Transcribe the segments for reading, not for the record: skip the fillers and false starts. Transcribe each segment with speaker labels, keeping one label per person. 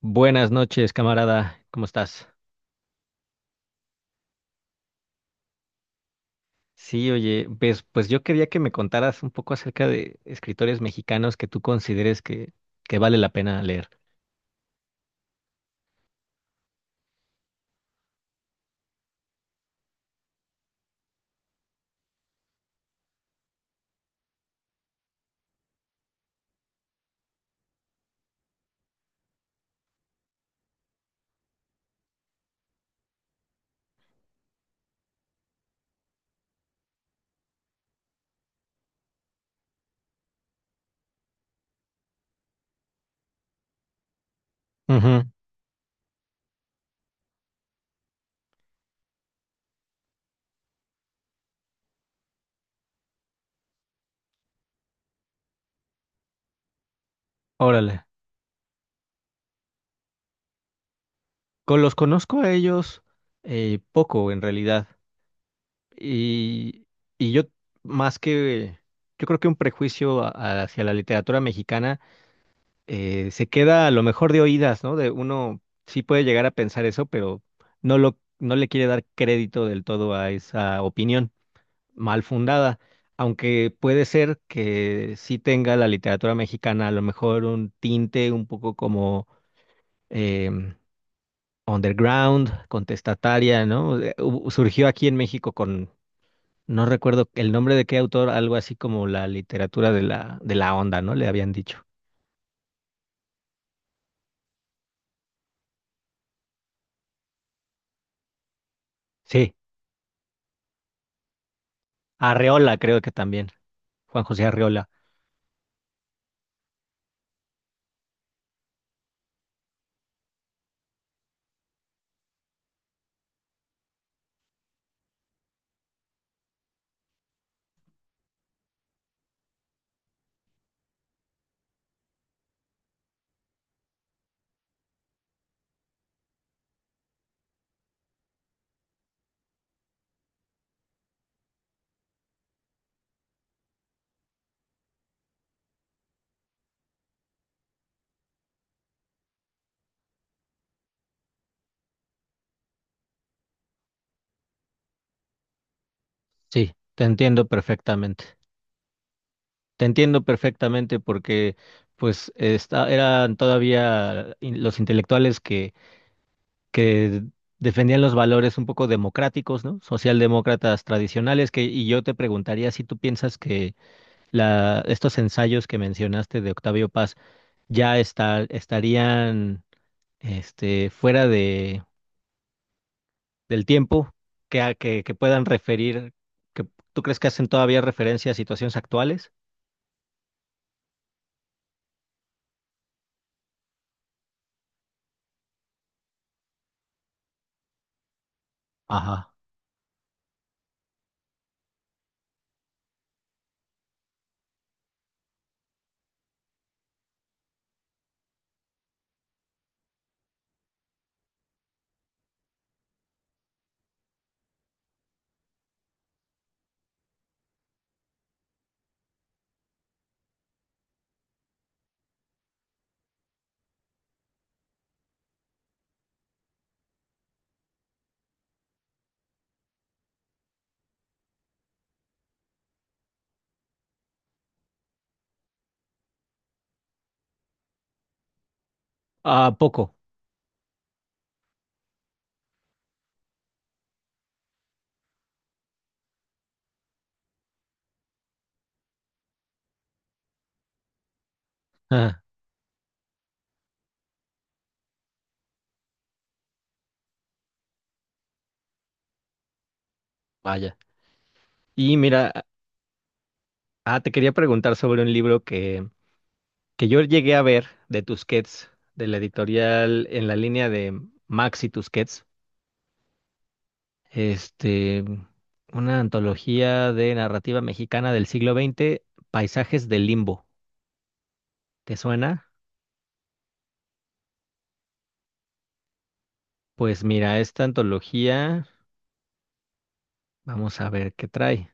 Speaker 1: Buenas noches, camarada. ¿Cómo estás? Sí, oye, pues yo quería que me contaras un poco acerca de escritores mexicanos que tú consideres que vale la pena leer. Ujú. Órale. Con los conozco a ellos, poco, en realidad. Y, y yo, más que, yo creo que un prejuicio hacia la literatura mexicana, se queda a lo mejor de oídas, ¿no? De uno sí puede llegar a pensar eso, pero no le quiere dar crédito del todo a esa opinión mal fundada, aunque puede ser que sí tenga la literatura mexicana a lo mejor un tinte un poco como, em, underground, contestataria, ¿no? Surgió aquí en México con, no recuerdo el nombre de qué autor, algo así como la literatura de la onda, ¿no? Le habían dicho. Sí, Arreola creo que también, Juan José Arreola. Sí, te entiendo perfectamente. Te entiendo perfectamente porque pues eran todavía los intelectuales que defendían los valores un poco democráticos, ¿no? Socialdemócratas tradicionales. Y yo te preguntaría si tú piensas que estos ensayos que mencionaste de Octavio Paz ya estarían, fuera del tiempo, que, que puedan referir, que tú crees que hacen todavía referencia a situaciones actuales? Ajá. Ah, poco. Ah, vaya. Y mira, te quería preguntar sobre un libro que yo llegué a ver de Tusquets, de la editorial en la línea de Maxi Tusquets, este, una antología de narrativa mexicana del siglo XX, Paisajes del Limbo. ¿Te suena? Pues mira, esta antología, vamos a ver qué trae.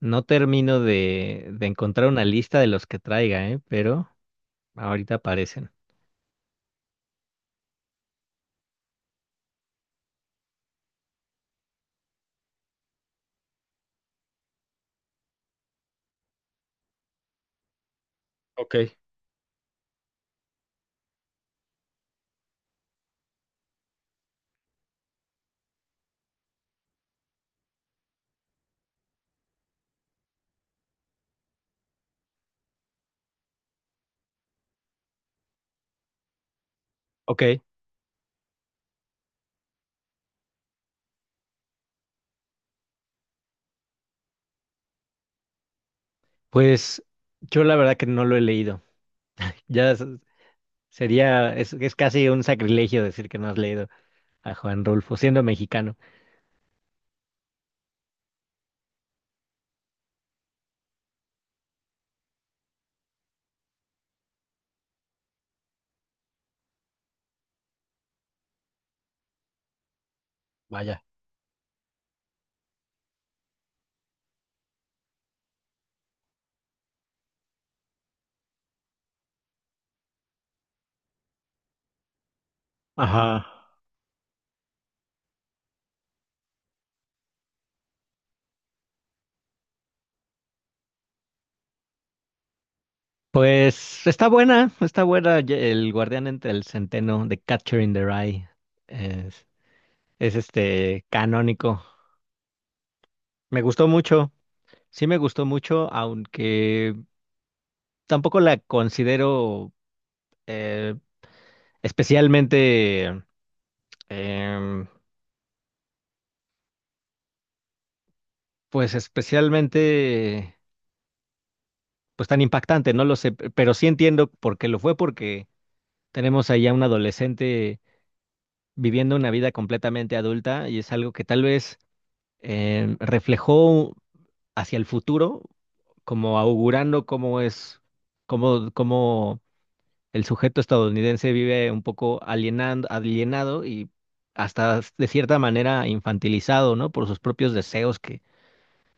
Speaker 1: No termino de encontrar una lista de los que traiga, ¿eh? Pero ahorita aparecen. Ok, ok. Pues yo la verdad que no lo he leído. Ya s- es casi un sacrilegio decir que no has leído a Juan Rulfo, siendo mexicano. Vaya. Ajá. Pues está buena, está buena, El Guardián entre el Centeno, de Catcher in the Rye. Es, es este canónico. Me gustó mucho, sí me gustó mucho, aunque tampoco la considero, eh, especialmente, em, pues especialmente, pues tan impactante, no lo sé, pero sí entiendo por qué lo fue, porque tenemos ahí a un adolescente viviendo una vida completamente adulta, y es algo que tal vez, reflejó hacia el futuro, como augurando cómo el sujeto estadounidense vive un poco alienado, y hasta de cierta manera infantilizado, ¿no? Por sus propios deseos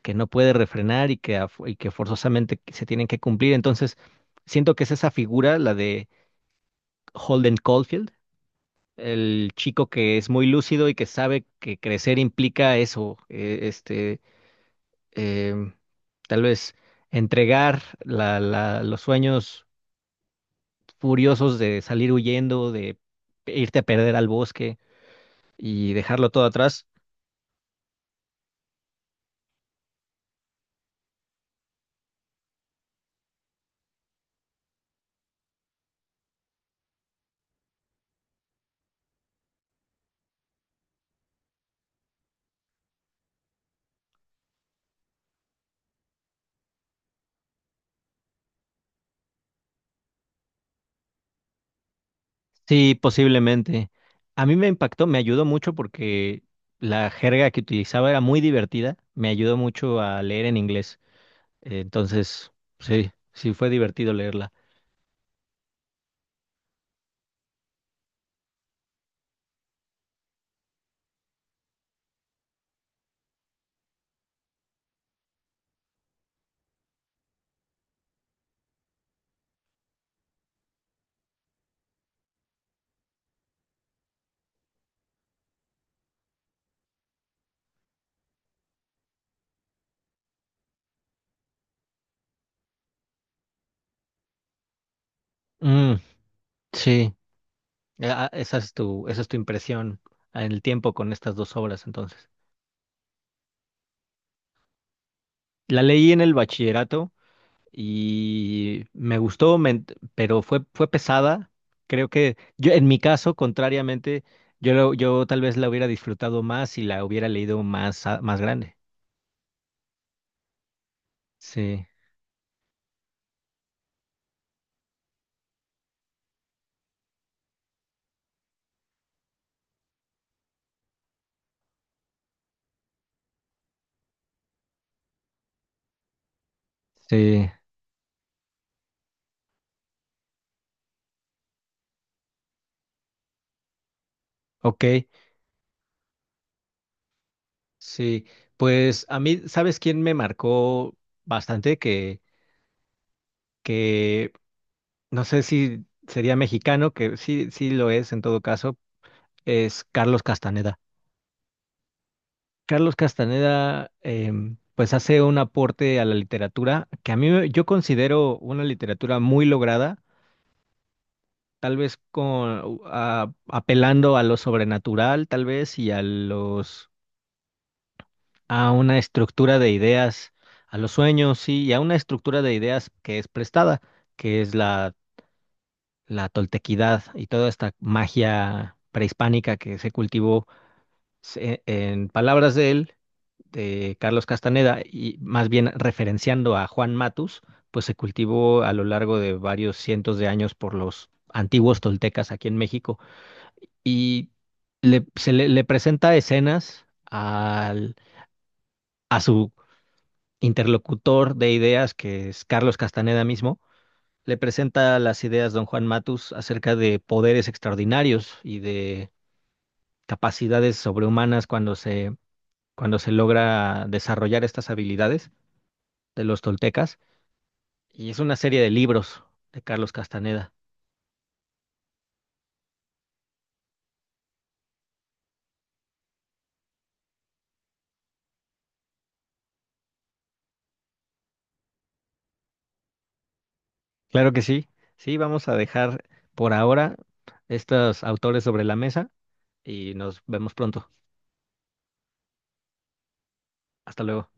Speaker 1: que no puede refrenar y que forzosamente se tienen que cumplir. Entonces, siento que es esa figura, la de Holden Caulfield, el chico que es muy lúcido y que sabe que crecer implica eso, em, tal vez entregar los sueños furiosos de salir huyendo, de irte a perder al bosque y dejarlo todo atrás. Sí, posiblemente. A mí me impactó, me ayudó mucho porque la jerga que utilizaba era muy divertida, me ayudó mucho a leer en inglés. Entonces, sí, sí fue divertido leerla. Mm, sí. Esa es tu impresión en el tiempo con estas dos obras, entonces. La leí en el bachillerato y me gustó, pero fue pesada. Creo que yo, en mi caso, contrariamente, yo tal vez la hubiera disfrutado más y la hubiera leído más, más grande. Sí, sí, ok, sí. Pues a mí, ¿sabes quién me marcó bastante? Que no sé si sería mexicano, que sí, sí lo es en todo caso, es Carlos Castaneda. Carlos Castaneda, pues hace un aporte a la literatura que a mí yo considero una literatura muy lograda, tal vez con apelando a lo sobrenatural, tal vez, y a los, a una estructura de ideas, a los sueños, sí, y a una estructura de ideas que es prestada, que es la la toltequidad y toda esta magia prehispánica que se cultivó, en palabras de él, de Carlos Castaneda, y más bien referenciando a Juan Matus, pues se cultivó a lo largo de varios cientos de años por los antiguos toltecas aquí en México. Y le presenta escenas a su interlocutor de ideas, que es Carlos Castaneda mismo, le presenta las ideas don Juan Matus acerca de poderes extraordinarios y de capacidades sobrehumanas cuando se logra desarrollar estas habilidades de los toltecas. Y es una serie de libros de Carlos Castaneda. Claro que sí. Sí, vamos a dejar por ahora estos autores sobre la mesa y nos vemos pronto. Hasta luego.